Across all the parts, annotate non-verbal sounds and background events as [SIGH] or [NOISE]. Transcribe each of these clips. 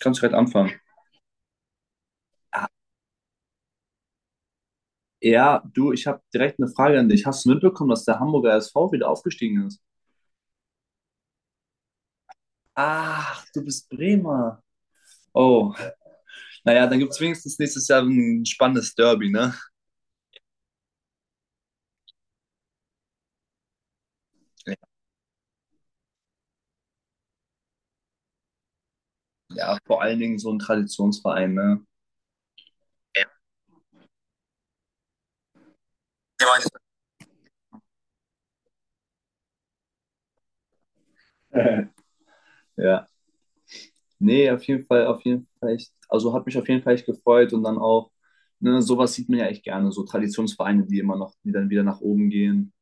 Kannst du direkt anfangen? Ah, ja, du, ich habe direkt eine Frage an dich. Hast du mitbekommen, dass der Hamburger SV wieder aufgestiegen ist? Ach, du bist Bremer. Oh, naja, dann gibt es wenigstens nächstes Jahr ein spannendes Derby, ne? Ja, vor allen Dingen so ein Traditionsverein, ne? Ja, [LAUGHS] ja. Nee, auf jeden Fall echt. Also hat mich auf jeden Fall echt gefreut und dann auch, ne, sowas sieht man ja echt gerne, so Traditionsvereine, die immer noch, die dann wieder nach oben gehen.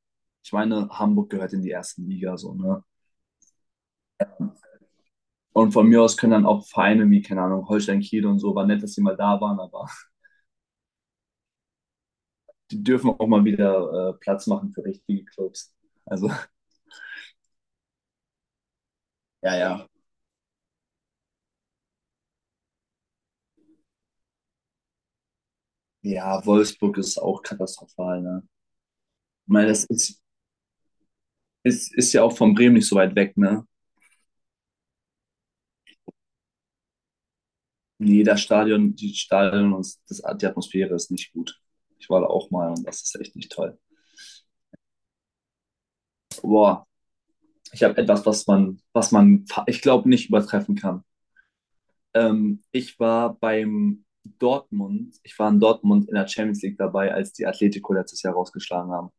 Ich meine, Hamburg gehört in die erste Liga, so, ne? Und von mir aus können dann auch Vereine wie, keine Ahnung, Holstein Kiel und so, war nett, dass sie mal da waren, aber [LAUGHS] die dürfen auch mal wieder Platz machen für richtige Clubs. Also, [LAUGHS] ja, ja. Ja, Wolfsburg ist auch katastrophal, ne? Ich meine, das ist ja auch von Bremen nicht so weit weg, ne? Jeder Stadion, die Stadion und das, die Atmosphäre ist nicht gut. Ich war da auch mal und das ist echt nicht toll. Boah, ich habe etwas, was man, ich glaube, nicht übertreffen kann. Ich war beim Dortmund, ich war in Dortmund in der Champions League dabei, als die Atletico letztes Jahr rausgeschlagen haben.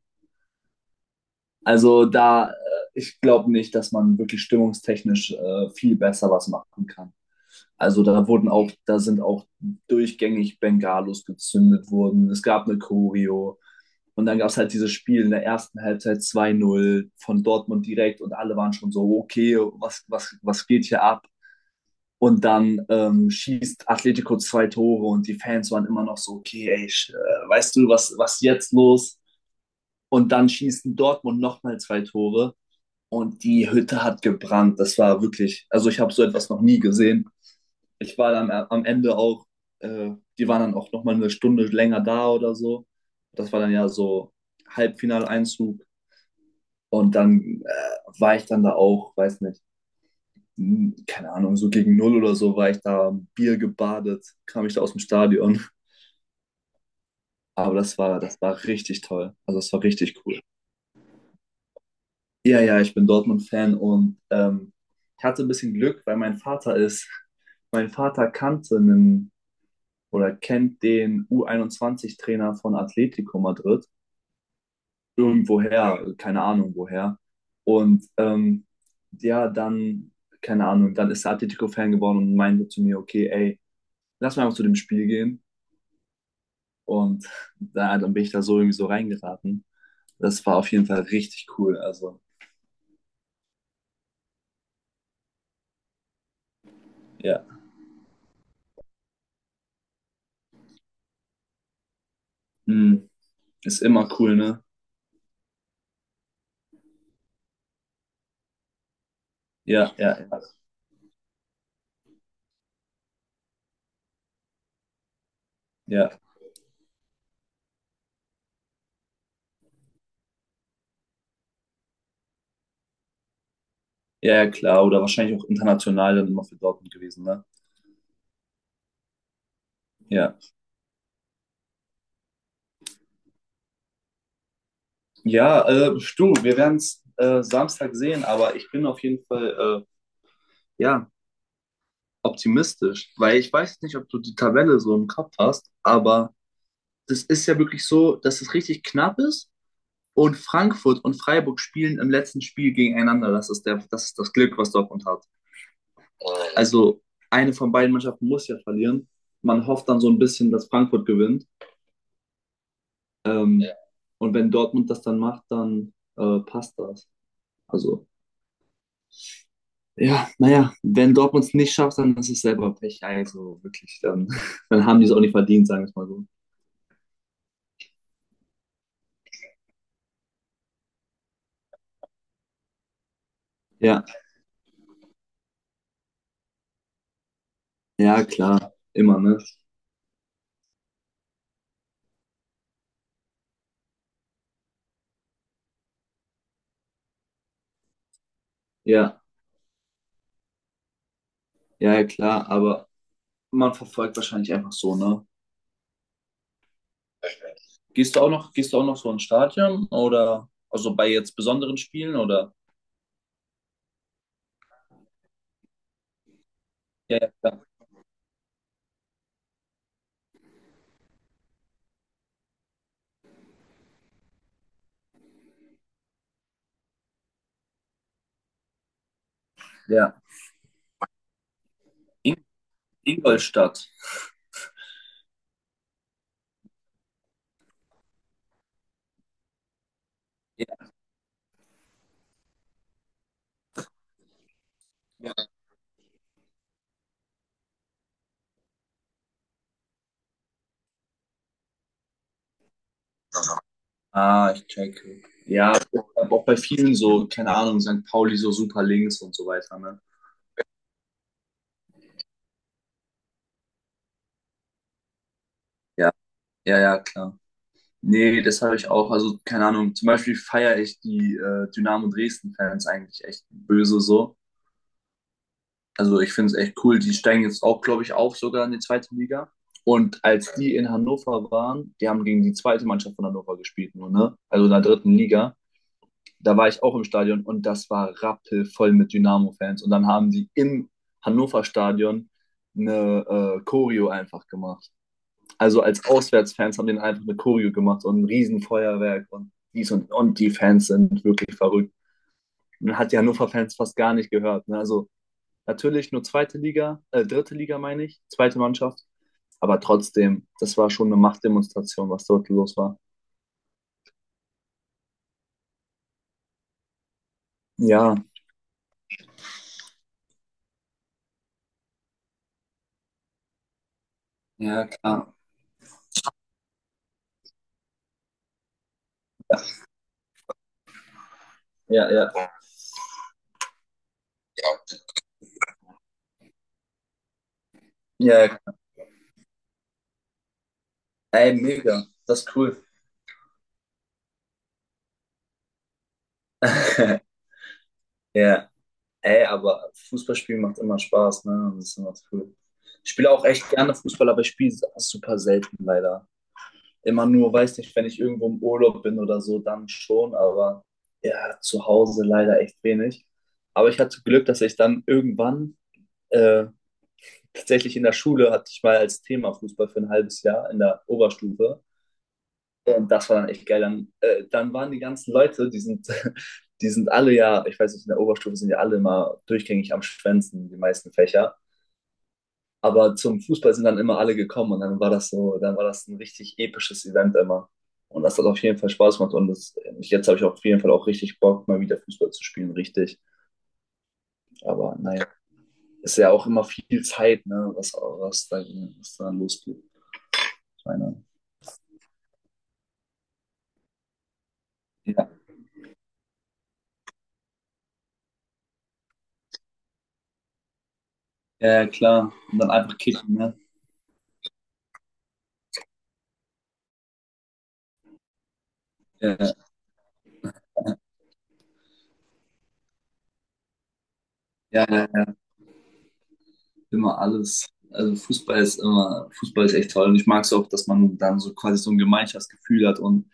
Also da, ich glaube nicht, dass man wirklich stimmungstechnisch viel besser was machen kann. Also da wurden auch, da sind auch durchgängig Bengalos gezündet worden. Es gab eine Choreo. Und dann gab es halt dieses Spiel in der ersten Halbzeit 2-0 von Dortmund direkt und alle waren schon so, okay, was, was, was geht hier ab? Und dann schießt Atletico zwei Tore und die Fans waren immer noch so, okay, ey, weißt du, was, was jetzt los? Und dann schießen Dortmund nochmal zwei Tore und die Hütte hat gebrannt. Das war wirklich, also ich habe so etwas noch nie gesehen. Ich war dann am Ende auch, äh, die waren dann auch nochmal eine Stunde länger da oder so. Das war dann ja so Halbfinaleinzug und dann war ich dann da auch, weiß nicht, keine Ahnung, so gegen null oder so war ich da Bier gebadet, kam ich da aus dem Stadion. Aber das war richtig toll. Also das war richtig cool. Ja, ja, ich bin Dortmund-Fan und ich hatte ein bisschen Glück, weil mein Vater kannte einen oder kennt den U21-Trainer von Atletico Madrid. Irgendwoher, keine Ahnung woher. Und ja, dann, keine Ahnung, dann ist er Atletico-Fan geworden und meinte zu mir, okay, ey, lass mal einfach zu dem Spiel gehen. Und da, dann bin ich da so irgendwie so reingeraten. Das war auf jeden Fall richtig cool. Also, ja. Hm, ist immer cool, ne? Ja, ja, ja. Ja, ja, ja, klar. Oder wahrscheinlich auch international dann immer für Dortmund gewesen, ne? Ja. Ja, du, wir werden es Samstag sehen, aber ich bin auf jeden Fall, ja, optimistisch. Weil ich weiß nicht, ob du die Tabelle so im Kopf hast, aber das ist ja wirklich so, dass es richtig knapp ist. Und Frankfurt und Freiburg spielen im letzten Spiel gegeneinander. Das ist, der, das, ist das Glück, was Dortmund hat. Also eine von beiden Mannschaften muss ja verlieren. Man hofft dann so ein bisschen, dass Frankfurt gewinnt. Und, ja. Und wenn Dortmund das dann macht, dann passt das. Also, ja, naja, wenn Dortmund es nicht schafft, dann ist es selber Pech. Also wirklich, dann, [LAUGHS] dann haben die es auch nicht verdient, sagen wir es mal so. Ja, ja, klar. Immer, ne? Ja, ja, ja, klar. Aber man verfolgt wahrscheinlich einfach so, ne? Gehst du auch noch, gehst du auch noch so ins Stadion oder also bei jetzt besonderen Spielen oder? Ja, ja, ja. Ja. In, Ingolstadt. Ja. Ja. Ah, ich checke. Ja, aber auch bei vielen so, keine Ahnung, St. Pauli so super links und so weiter, ne? Ja, ja, ja, klar. Nee, das habe ich auch. Also, keine Ahnung, zum Beispiel feiere ich die Dynamo Dresden-Fans eigentlich echt böse so. Also ich finde es echt cool. Die steigen jetzt auch, glaube ich, auf sogar in die zweite Liga. Und als die in Hannover waren, die haben gegen die zweite Mannschaft von Hannover gespielt, nur, ne? Also in der dritten Liga. Da war ich auch im Stadion und das war rappelvoll mit Dynamo-Fans. Und dann haben die im Hannover-Stadion eine Choreo einfach gemacht. Also als Auswärtsfans haben den einfach eine Choreo gemacht und ein Riesenfeuerwerk und dies und die Fans sind wirklich verrückt. Man hat die Hannover-Fans fast gar nicht gehört. Ne? Also natürlich nur zweite Liga, dritte Liga meine ich, zweite Mannschaft. Aber trotzdem, das war schon eine Machtdemonstration, was dort los war. Ja, ja, klar. Ja, ja. Ja, ja. Ey, mega. Das ist cool. [LAUGHS] Ja, ey, aber Fußballspielen macht immer Spaß, ne? Das ist immer cool. Ich spiele auch echt gerne Fußball, aber ich spiele super selten leider. Immer nur, weiß nicht, wenn ich irgendwo im Urlaub bin oder so, dann schon, aber ja, zu Hause leider echt wenig. Aber ich hatte Glück, dass ich dann irgendwann Äh, tatsächlich in der Schule hatte ich mal als Thema Fußball für ein halbes Jahr in der Oberstufe. Und das war dann echt geil. Dann, dann waren die ganzen Leute, die sind, [LAUGHS] die sind alle ja, ich weiß nicht, in der Oberstufe sind ja alle immer durchgängig am Schwänzen, die meisten Fächer. Aber zum Fußball sind dann immer alle gekommen und dann war das so, dann war das ein richtig episches Event immer. Und das hat auf jeden Fall Spaß gemacht und das, jetzt habe ich auf jeden Fall auch richtig Bock, mal wieder Fußball zu spielen, richtig. Aber naja, ist ja auch immer viel Zeit, ne, was da losgeht. Keiner. Ja, ja, klar. Und dann einfach kicken, ne? Ja, ja, ja, ja, immer alles. Also Fußball ist immer, Fußball ist echt toll. Und ich mag es auch, dass man dann so quasi so ein Gemeinschaftsgefühl hat und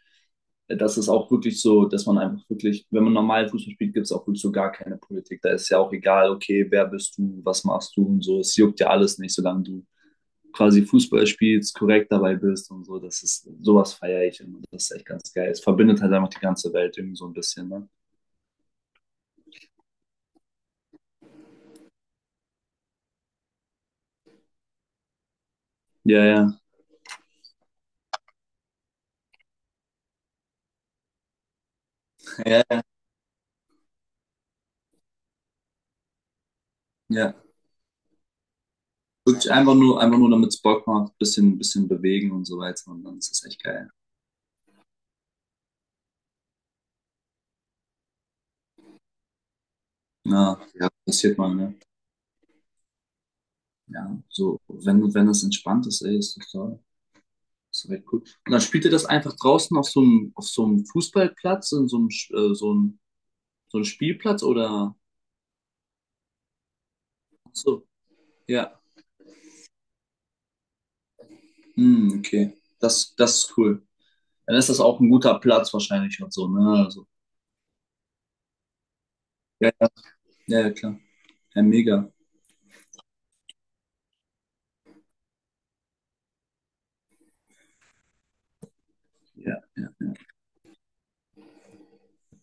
das ist auch wirklich so, dass man einfach wirklich, wenn man normal Fußball spielt, gibt es auch wirklich so gar keine Politik. Da ist ja auch egal, okay, wer bist du, was machst du und so. Es juckt ja alles nicht, solange du quasi Fußball spielst, korrekt dabei bist und so. Das ist, sowas feiere ich immer. Das ist echt ganz geil. Es verbindet halt einfach die ganze Welt irgendwie so ein bisschen, ne? Ja, ja, ja, ja. Ja. Wirklich einfach nur, damit es Bock macht, bisschen, bisschen bewegen und so weiter. Und dann ist das echt geil. Ja, ja, passiert mal, ne? Ja, so, wenn, wenn das entspannt ist, ey, ist doch toll. Ist doch echt cool. Und dann spielt ihr das einfach draußen auf so einem, Fußballplatz, in so einem, so einem Spielplatz oder? Ach so, ja. Hm, okay. Das, das ist cool. Dann ist das auch ein guter Platz wahrscheinlich und so, ne? Also, ja, ja, ja, ja, klar. Ja, mega. Ja, ja. Ja.